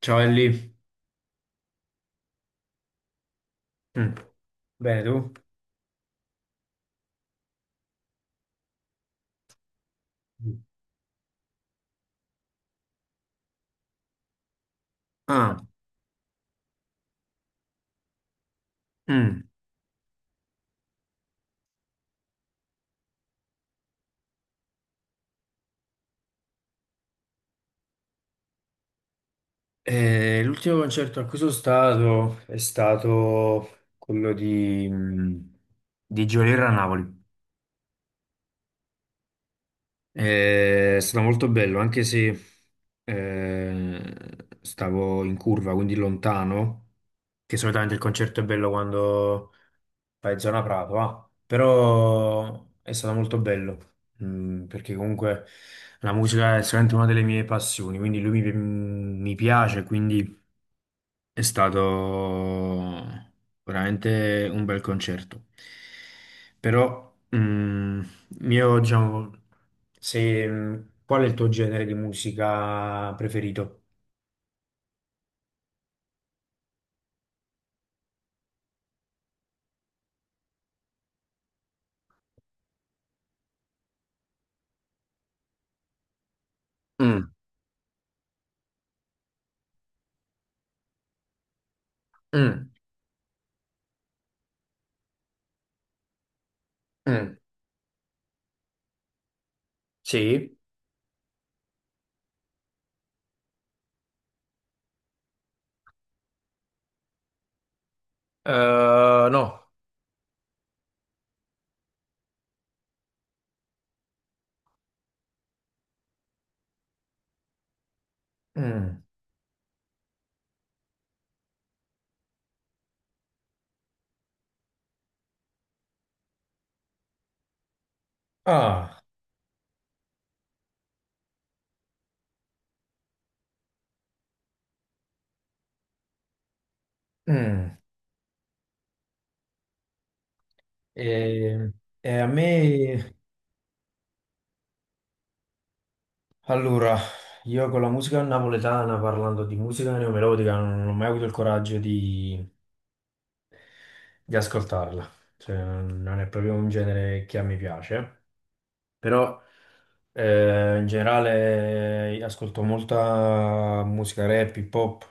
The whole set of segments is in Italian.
Ciao Ellie. Mm. Bene, tu? Mm. Ah, mm. L'ultimo concerto a cui sono stato è stato quello di di Giolirra a Napoli. È stato molto bello, anche se stavo in curva, quindi lontano, che solitamente il concerto è bello quando fai zona Prato, ah. Però è stato molto bello, mm, perché comunque la musica è sicuramente una delle mie passioni, quindi lui mi piace, quindi è stato veramente un bel concerto. Però, mm, io, diciamo, se, mm, qual è il tuo genere di musica preferito? Mm, mm, mm. Sì. No. Mm. Ah, mm. E, e a me, allora, io con la musica napoletana, parlando di musica neomelodica, non ho mai avuto il coraggio di ascoltarla. Cioè, non è proprio un genere che a me piace, però in generale ascolto molta musica rap, hip hop,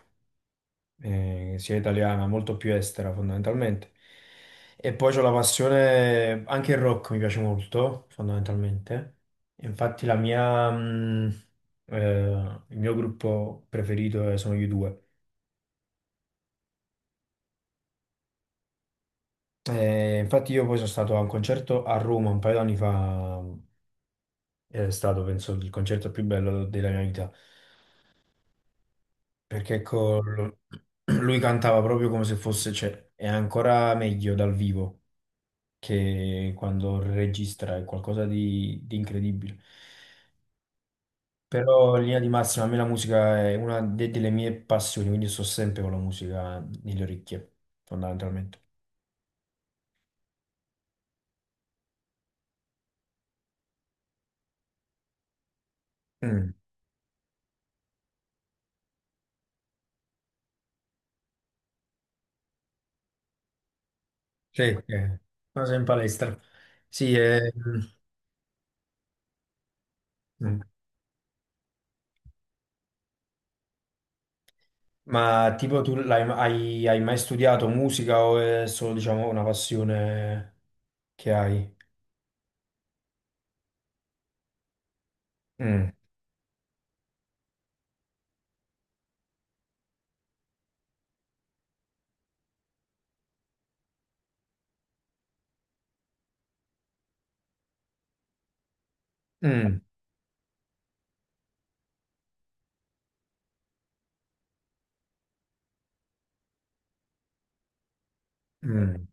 sia italiana, molto più estera fondamentalmente. E poi c'ho la passione, anche il rock mi piace molto fondamentalmente. Infatti il mio gruppo preferito sono gli U2. Infatti io poi sono stato a un concerto a Roma un paio d'anni fa, è stato penso il concerto più bello della mia vita, perché lui cantava proprio come se fosse, cioè, è ancora meglio dal vivo che quando registra è qualcosa di incredibile. Però in linea di massima a me la musica è una delle mie passioni, quindi sto sempre con la musica nelle orecchie, fondamentalmente. Mm. Sì, ma sei in palestra. Sì, mm. Ma tipo tu hai mai studiato musica o è solo, diciamo, una passione che hai? Mm, mm, mm.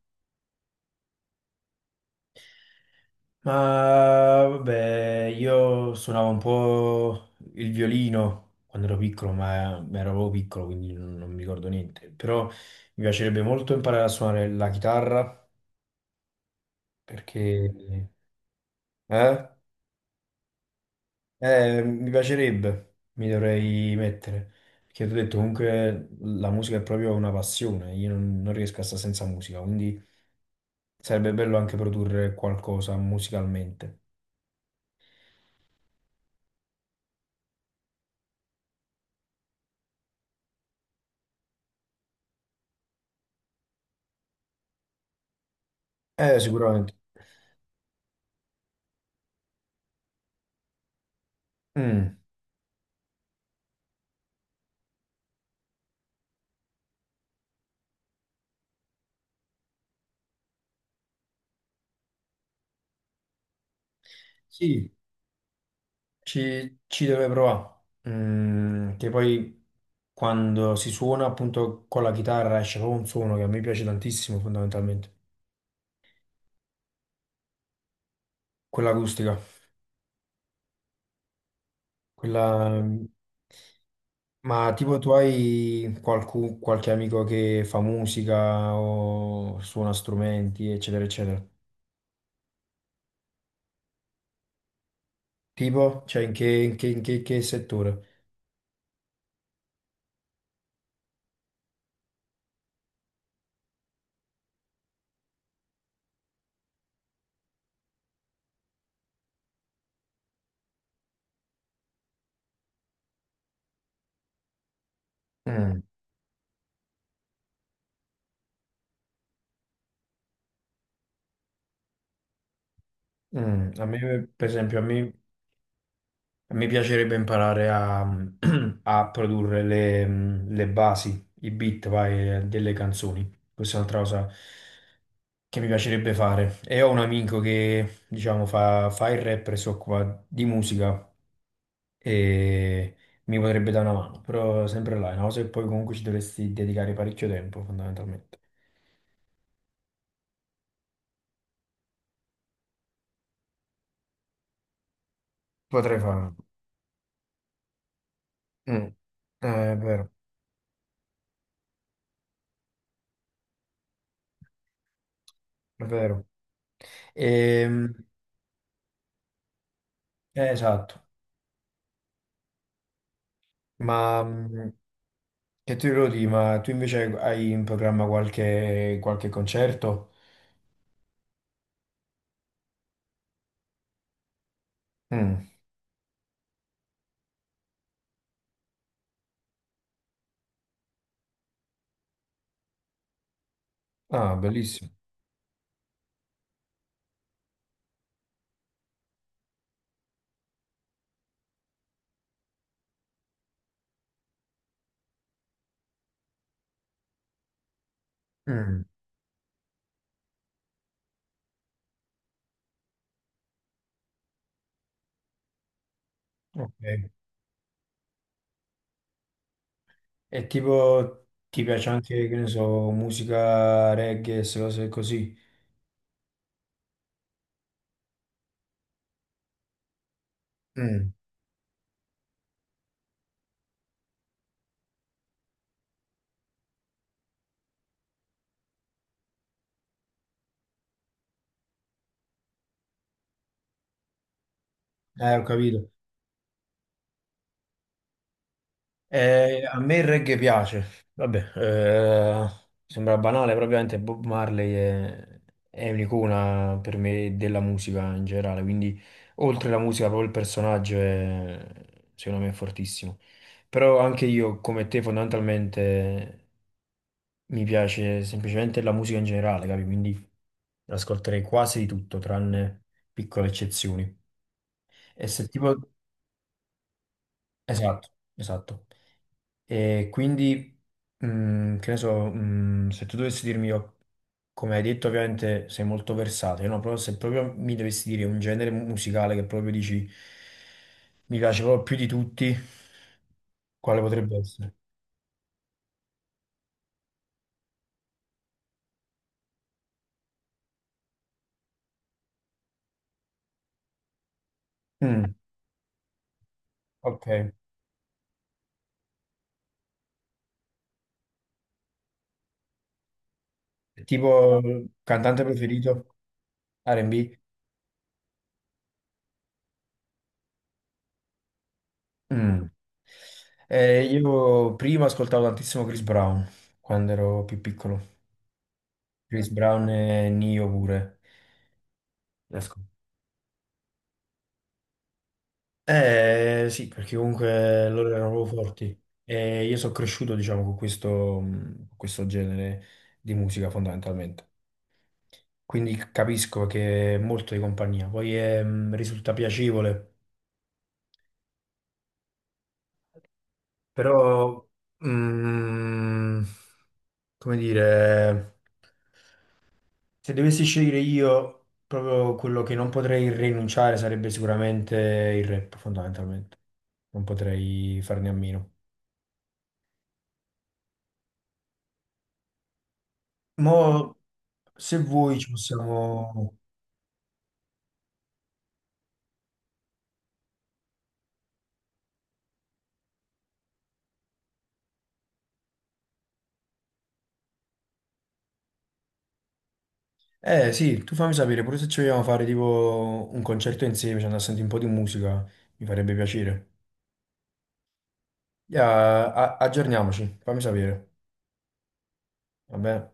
Ma vabbè, io suonavo un po' il violino quando ero piccolo, ma ero proprio piccolo, quindi non mi ricordo niente. Però mi piacerebbe molto imparare a suonare la chitarra perché... Eh? Mi piacerebbe, mi dovrei mettere. Perché ti ho detto, comunque la musica è proprio una passione, io non riesco a stare senza musica, quindi sarebbe bello anche produrre qualcosa musicalmente. Sicuramente. Mm. Sì, ci deve provare. Mm, che poi quando si suona appunto con la chitarra esce proprio un suono che a me piace tantissimo fondamentalmente, quella acustica, quella... Ma tipo tu hai qualche amico che fa musica o suona strumenti, eccetera, eccetera. Tipo, cioè in che settore? Mm, mm. Per esempio, a me mi piacerebbe imparare a, a produrre le basi, i beat, vai, delle canzoni. Questa è un'altra cosa che mi piacerebbe fare. E ho un amico che, diciamo, fa il rapper e si occupa di musica e mi potrebbe dare una mano, però sempre là, è una cosa che poi comunque ci dovresti dedicare parecchio tempo, fondamentalmente. Potrei farlo. Mm. È vero, è vero. Ehm, esatto, ma mm, che tu Elodie, ma tu invece hai in programma qualche concerto? Mm. Ah, bellissimo. Mm. Ok. E tipo ti piace anche, che ne so, musica reggae, se cose così? Mm. Ho capito. A me il reggae piace, vabbè, sembra banale, probabilmente Bob Marley è un'icona per me della musica in generale, quindi oltre la musica proprio il personaggio è, secondo me è fortissimo. Però anche io, come te, fondamentalmente mi piace semplicemente la musica in generale, capi? Quindi ascolterei quasi di tutto, tranne piccole eccezioni. E se tipo... Esatto, esatto. E quindi, mm, che ne so, mm, se tu dovessi dirmi, io, come hai detto, ovviamente sei molto versatile, no? Però se proprio mi dovessi dire un genere musicale che proprio dici mi piace proprio più di tutti, quale potrebbe essere? Mm, ok. Tipo cantante preferito? R&B? Mm. Io prima ascoltavo tantissimo Chris Brown, quando ero più piccolo. Chris Brown e Nio pure. Li ascoltavo. Eh sì, perché comunque loro erano forti e io sono cresciuto, diciamo, con questo genere di musica fondamentalmente. Quindi capisco che è molto di compagnia, poi è, risulta piacevole, però, mh, come dire, se dovessi scegliere io, proprio quello che non potrei rinunciare sarebbe sicuramente il rap, fondamentalmente. Non potrei farne a meno. Mo, se vuoi ci possiamo... Eh sì, tu fammi sapere, pure se ci vogliamo fare tipo un concerto insieme, ci andiamo a sentire un po' di musica, mi farebbe piacere. Ya, aggiorniamoci, fammi sapere. Vabbè,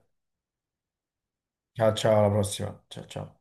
ciao, ciao, alla prossima. Ciao, ciao.